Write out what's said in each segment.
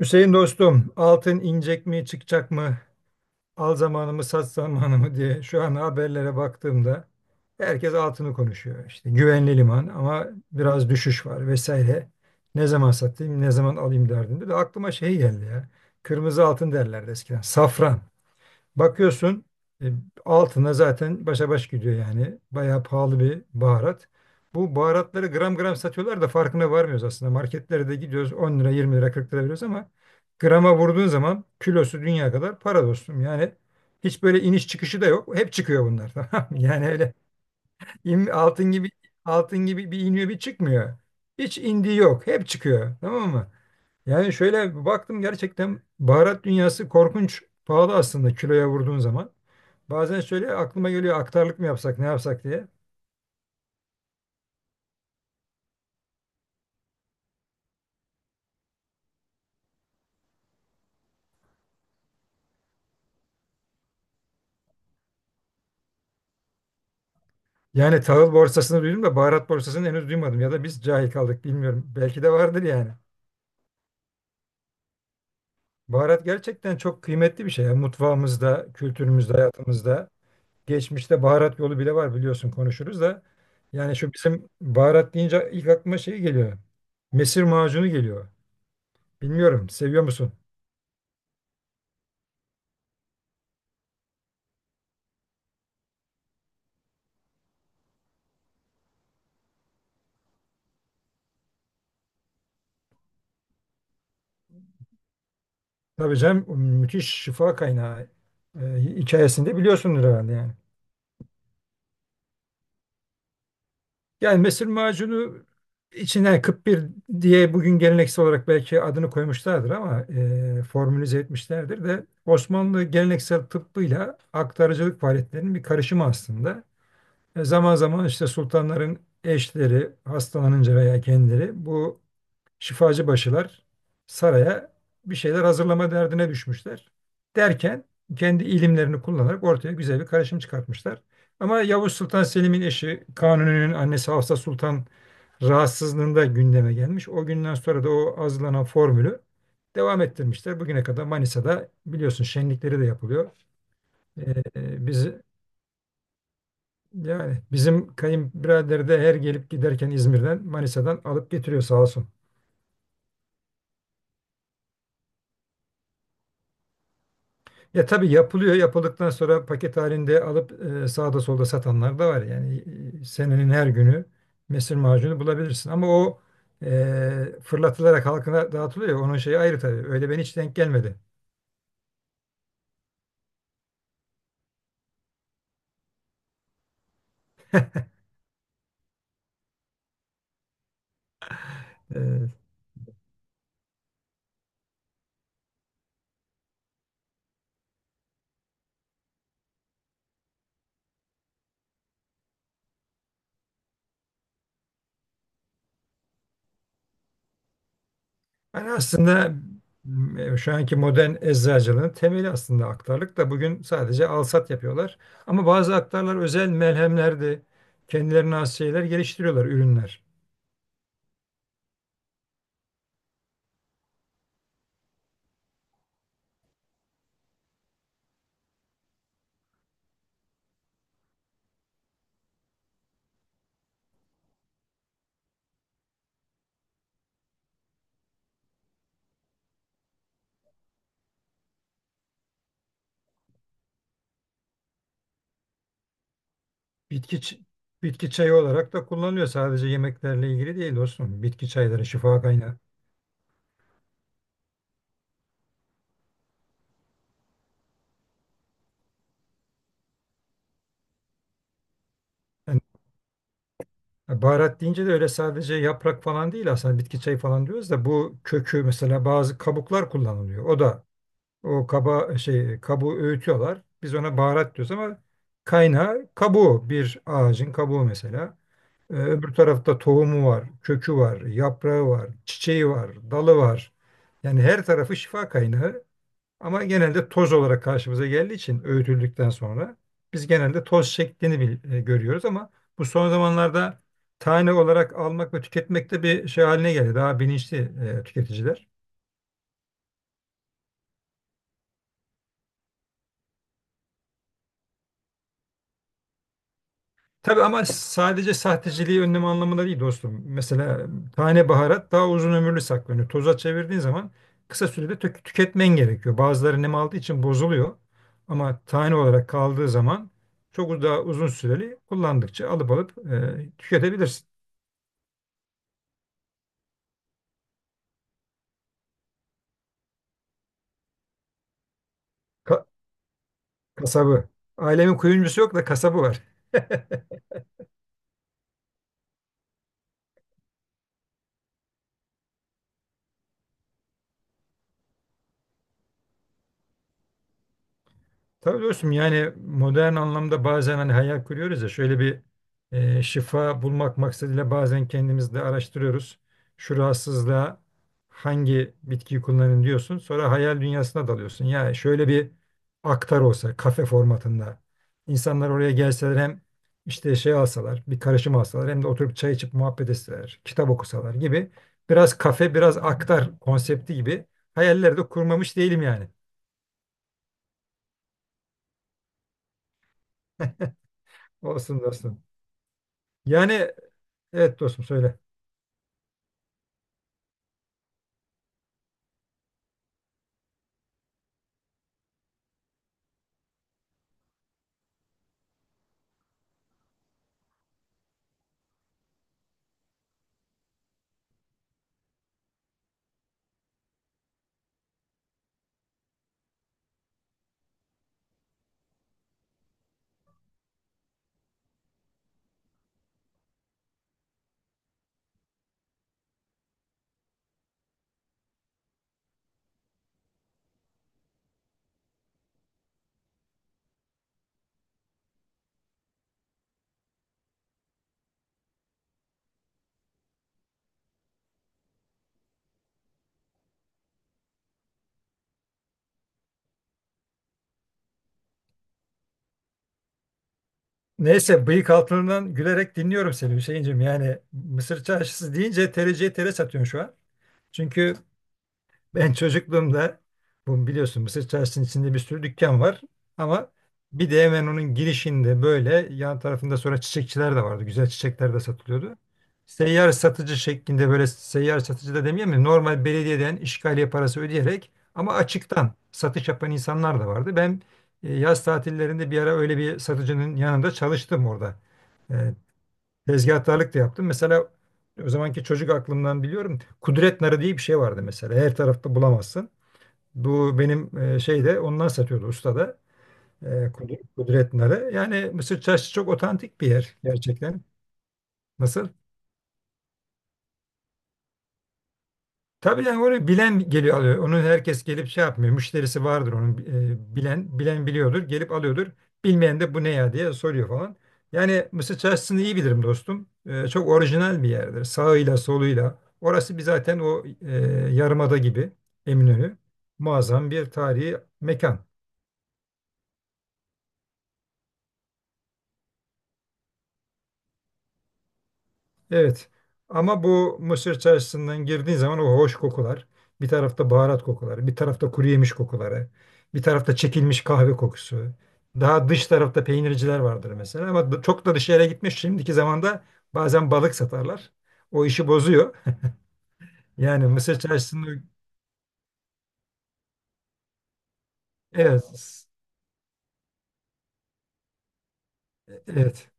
Hüseyin dostum, altın inecek mi, çıkacak mı, al zamanımı, sat zamanımı diye şu an haberlere baktığımda herkes altını konuşuyor. İşte güvenli liman ama biraz düşüş var vesaire. Ne zaman satayım, ne zaman alayım derdinde de aklıma şey geldi ya. Kırmızı altın derlerdi eskiden. Safran. Bakıyorsun e, altına zaten başa baş gidiyor yani. Bayağı pahalı bir baharat. Bu baharatları gram gram satıyorlar da farkına varmıyoruz aslında. Marketlere de gidiyoruz 10 lira 20 lira 40 lira veriyoruz ama grama vurduğun zaman kilosu dünya kadar para dostum. Yani hiç böyle iniş çıkışı da yok. Hep çıkıyor bunlar tamam mı? Yani öyle altın gibi, altın gibi bir iniyor bir çıkmıyor. Hiç indiği yok. Hep çıkıyor. Tamam mı? Yani şöyle bir baktım gerçekten baharat dünyası korkunç pahalı aslında kiloya vurduğun zaman. Bazen şöyle aklıma geliyor aktarlık mı yapsak ne yapsak diye. Yani tahıl borsasını duydum da baharat borsasını henüz duymadım ya da biz cahil kaldık bilmiyorum. Belki de vardır yani. Baharat gerçekten çok kıymetli bir şey. Yani mutfağımızda, kültürümüzde, hayatımızda. Geçmişte baharat yolu bile var biliyorsun konuşuruz da. Yani şu bizim baharat deyince ilk aklıma şey geliyor. Mesir macunu geliyor. Bilmiyorum seviyor musun? Tabii canım müthiş şifa kaynağı, hikayesinde biliyorsundur herhalde yani. Yani mesir macunu içine 41 diye bugün geleneksel olarak belki adını koymuşlardır ama formülize etmişlerdir de Osmanlı geleneksel tıbbıyla aktarıcılık faaliyetlerinin bir karışımı aslında. Zaman zaman işte sultanların eşleri hastalanınca veya kendileri bu şifacı başılar saraya bir şeyler hazırlama derdine düşmüşler. Derken kendi ilimlerini kullanarak ortaya güzel bir karışım çıkartmışlar. Ama Yavuz Sultan Selim'in eşi Kanuni'nin annesi Hafsa Sultan rahatsızlığında gündeme gelmiş. O günden sonra da o hazırlanan formülü devam ettirmişler. Bugüne kadar Manisa'da biliyorsun şenlikleri de yapılıyor. E, biz, yani bizim kayınbirader de her gelip giderken İzmir'den Manisa'dan alıp getiriyor sağ olsun. Ya tabii yapılıyor. Yapıldıktan sonra paket halinde alıp sağda solda satanlar da var. Yani senenin her günü mesir macunu bulabilirsin. Ama o fırlatılarak halkına dağıtılıyor. Ya, onun şeyi ayrı tabii. Öyle ben hiç denk gelmedi. E, Yani aslında şu anki modern eczacılığın temeli aslında aktarlık da bugün sadece alsat yapıyorlar. Ama bazı aktarlar özel melhemler de kendilerine has şeyler geliştiriyorlar, ürünler. Bitki ç- Bitki çayı olarak da kullanılıyor. Sadece yemeklerle ilgili değil dostum. Bitki çayları şifa kaynağı. Yani baharat deyince de öyle sadece yaprak falan değil aslında bitki çayı falan diyoruz da bu kökü mesela bazı kabuklar kullanılıyor. O kaba şey kabuğu öğütüyorlar. Biz ona baharat diyoruz ama kaynağı kabuğu bir ağacın kabuğu mesela. Öbür tarafta tohumu var, kökü var, yaprağı var, çiçeği var, dalı var. Yani her tarafı şifa kaynağı ama genelde toz olarak karşımıza geldiği için öğütüldükten sonra biz genelde toz şeklini görüyoruz ama bu son zamanlarda tane olarak almak ve tüketmek de bir şey haline geldi. Daha bilinçli tüketiciler. Tabii ama sadece sahteciliği önleme anlamında değil dostum. Mesela tane baharat daha uzun ömürlü saklanıyor. Toza çevirdiğin zaman kısa sürede tüketmen gerekiyor. Bazıları nem aldığı için bozuluyor. Ama tane olarak kaldığı zaman daha uzun süreli kullandıkça alıp alıp tüketebilirsin. Ka- Kasabı. Ailemin kuyumcusu yok da kasabı var. Tabii dostum yani modern anlamda bazen hani hayal kuruyoruz ya şöyle bir, şifa bulmak maksadıyla bazen kendimiz de araştırıyoruz. Şu rahatsızlığa hangi bitkiyi kullanın diyorsun. Sonra hayal dünyasına dalıyorsun. Ya şöyle bir aktar olsa kafe formatında insanlar oraya gelseler hem işte şey alsalar bir karışım alsalar hem de oturup çay içip muhabbet etseler kitap okusalar gibi, biraz kafe biraz aktar konsepti gibi hayaller de kurmamış değilim yani. Olsun dostum. Yani evet dostum söyle. Neyse bıyık altından gülerek dinliyorum seni Hüseyinciğim. Yani Mısır çarşısı deyince tereciye tere satıyorsun şu an. Çünkü ben çocukluğumda, bu biliyorsun Mısır Çarşısı'nın içinde bir sürü dükkan var ama bir de hemen onun girişinde böyle yan tarafında sonra çiçekçiler de vardı. Güzel çiçekler de satılıyordu. Seyyar satıcı şeklinde böyle seyyar satıcı da demeyeyim mi? Normal belediyeden işgaliye parası ödeyerek ama açıktan satış yapan insanlar da vardı. Ben yaz tatillerinde bir ara öyle bir satıcının yanında çalıştım orada. E, Tezgahtarlık da yaptım. Mesela o zamanki çocuk aklımdan biliyorum. Kudret narı diye bir şey vardı mesela. Her tarafta bulamazsın. Bu benim şeyde onlar satıyordu ustada. E, Kudrettinler'e. Yani Mısır Çarşısı çok otantik bir yer gerçekten. Nasıl? Tabii yani onu bilen geliyor alıyor. Onu herkes gelip şey yapmıyor. Müşterisi vardır onun, bilen bilen biliyordur. Gelip alıyordur. Bilmeyen de bu ne ya diye soruyor falan. Yani Mısır Çarşısı'nı iyi bilirim dostum. E, çok orijinal bir yerdir. Sağıyla soluyla. Orası bir zaten yarımada gibi, Eminönü. Muazzam bir tarihi mekan. Evet. Ama bu Mısır çarşısından girdiğin zaman o hoş kokular. Bir tarafta baharat kokuları, bir tarafta kuru yemiş kokuları, bir tarafta çekilmiş kahve kokusu. Daha dış tarafta peynirciler vardır mesela ama çok da dışarıya gitmiş. Şimdiki zamanda bazen balık satarlar. O işi bozuyor. Yani Mısır çarşısını, evet evet.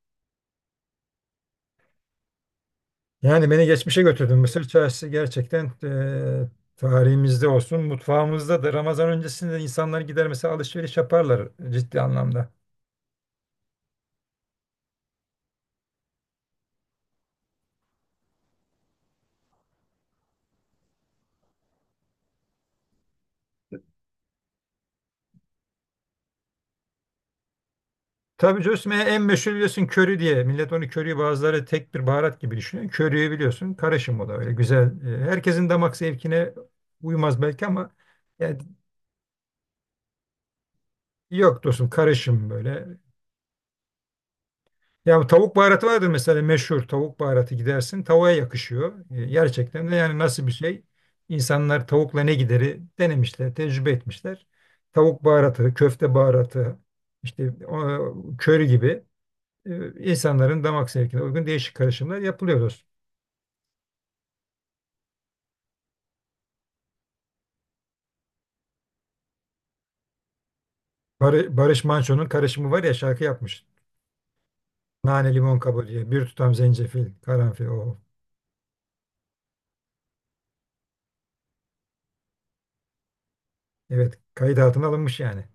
Yani beni geçmişe götürdün. Mısır çarşısı gerçekten tarihimizde olsun, mutfağımızda da Ramazan öncesinde insanlar gider mesela alışveriş yaparlar ciddi anlamda. Tabii Cosme'ye en meşhur biliyorsun köri diye. Millet onu köriyi bazıları tek bir baharat gibi düşünüyor. Köriyi biliyorsun karışım o da öyle güzel. E, herkesin damak zevkine uymaz belki ama yani yok dostum karışım böyle. Ya bu tavuk baharatı vardır mesela meşhur tavuk baharatı gidersin tavuğa yakışıyor. E, gerçekten de yani nasıl bir şey? İnsanlar tavukla ne gideri denemişler, tecrübe etmişler. Tavuk baharatı, köfte baharatı, işte o, köri gibi, insanların damak zevkine uygun değişik karışımlar yapılıyor. Barış Manço'nun karışımı var ya şarkı yapmış. Nane limon kabuğu diye. Bir tutam zencefil, karanfil. Oh. Evet kayıt altına alınmış yani.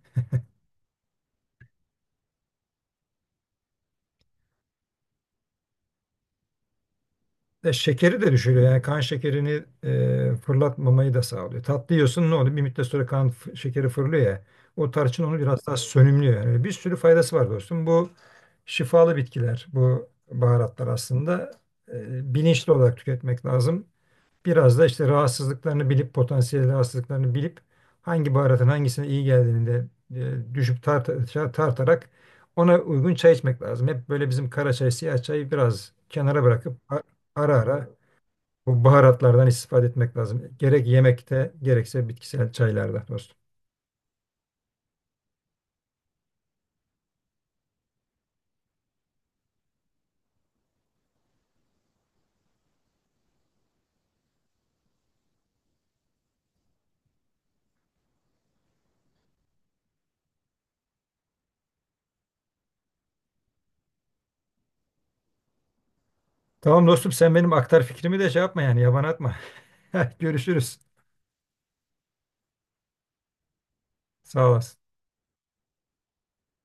E, şekeri de düşürüyor. Yani kan şekerini fırlatmamayı da sağlıyor. Tatlı yiyorsun ne oluyor? Bir müddet sonra şekeri fırlıyor ya. O tarçın onu biraz daha sönümlüyor. Yani öyle bir sürü faydası var dostum. Bu şifalı bitkiler, bu baharatlar aslında bilinçli olarak tüketmek lazım. Biraz da işte rahatsızlıklarını bilip, potansiyel rahatsızlıklarını bilip hangi baharatın hangisine iyi geldiğini de, tartarak ona uygun çay içmek lazım. Hep böyle bizim kara çay, siyah çayı biraz kenara bırakıp ara ara bu baharatlardan istifade etmek lazım. Gerek yemekte gerekse bitkisel çaylarda dostum. Tamam dostum sen benim aktar fikrimi de şey yapma yani yaban atma. Görüşürüz. Sağ olasın.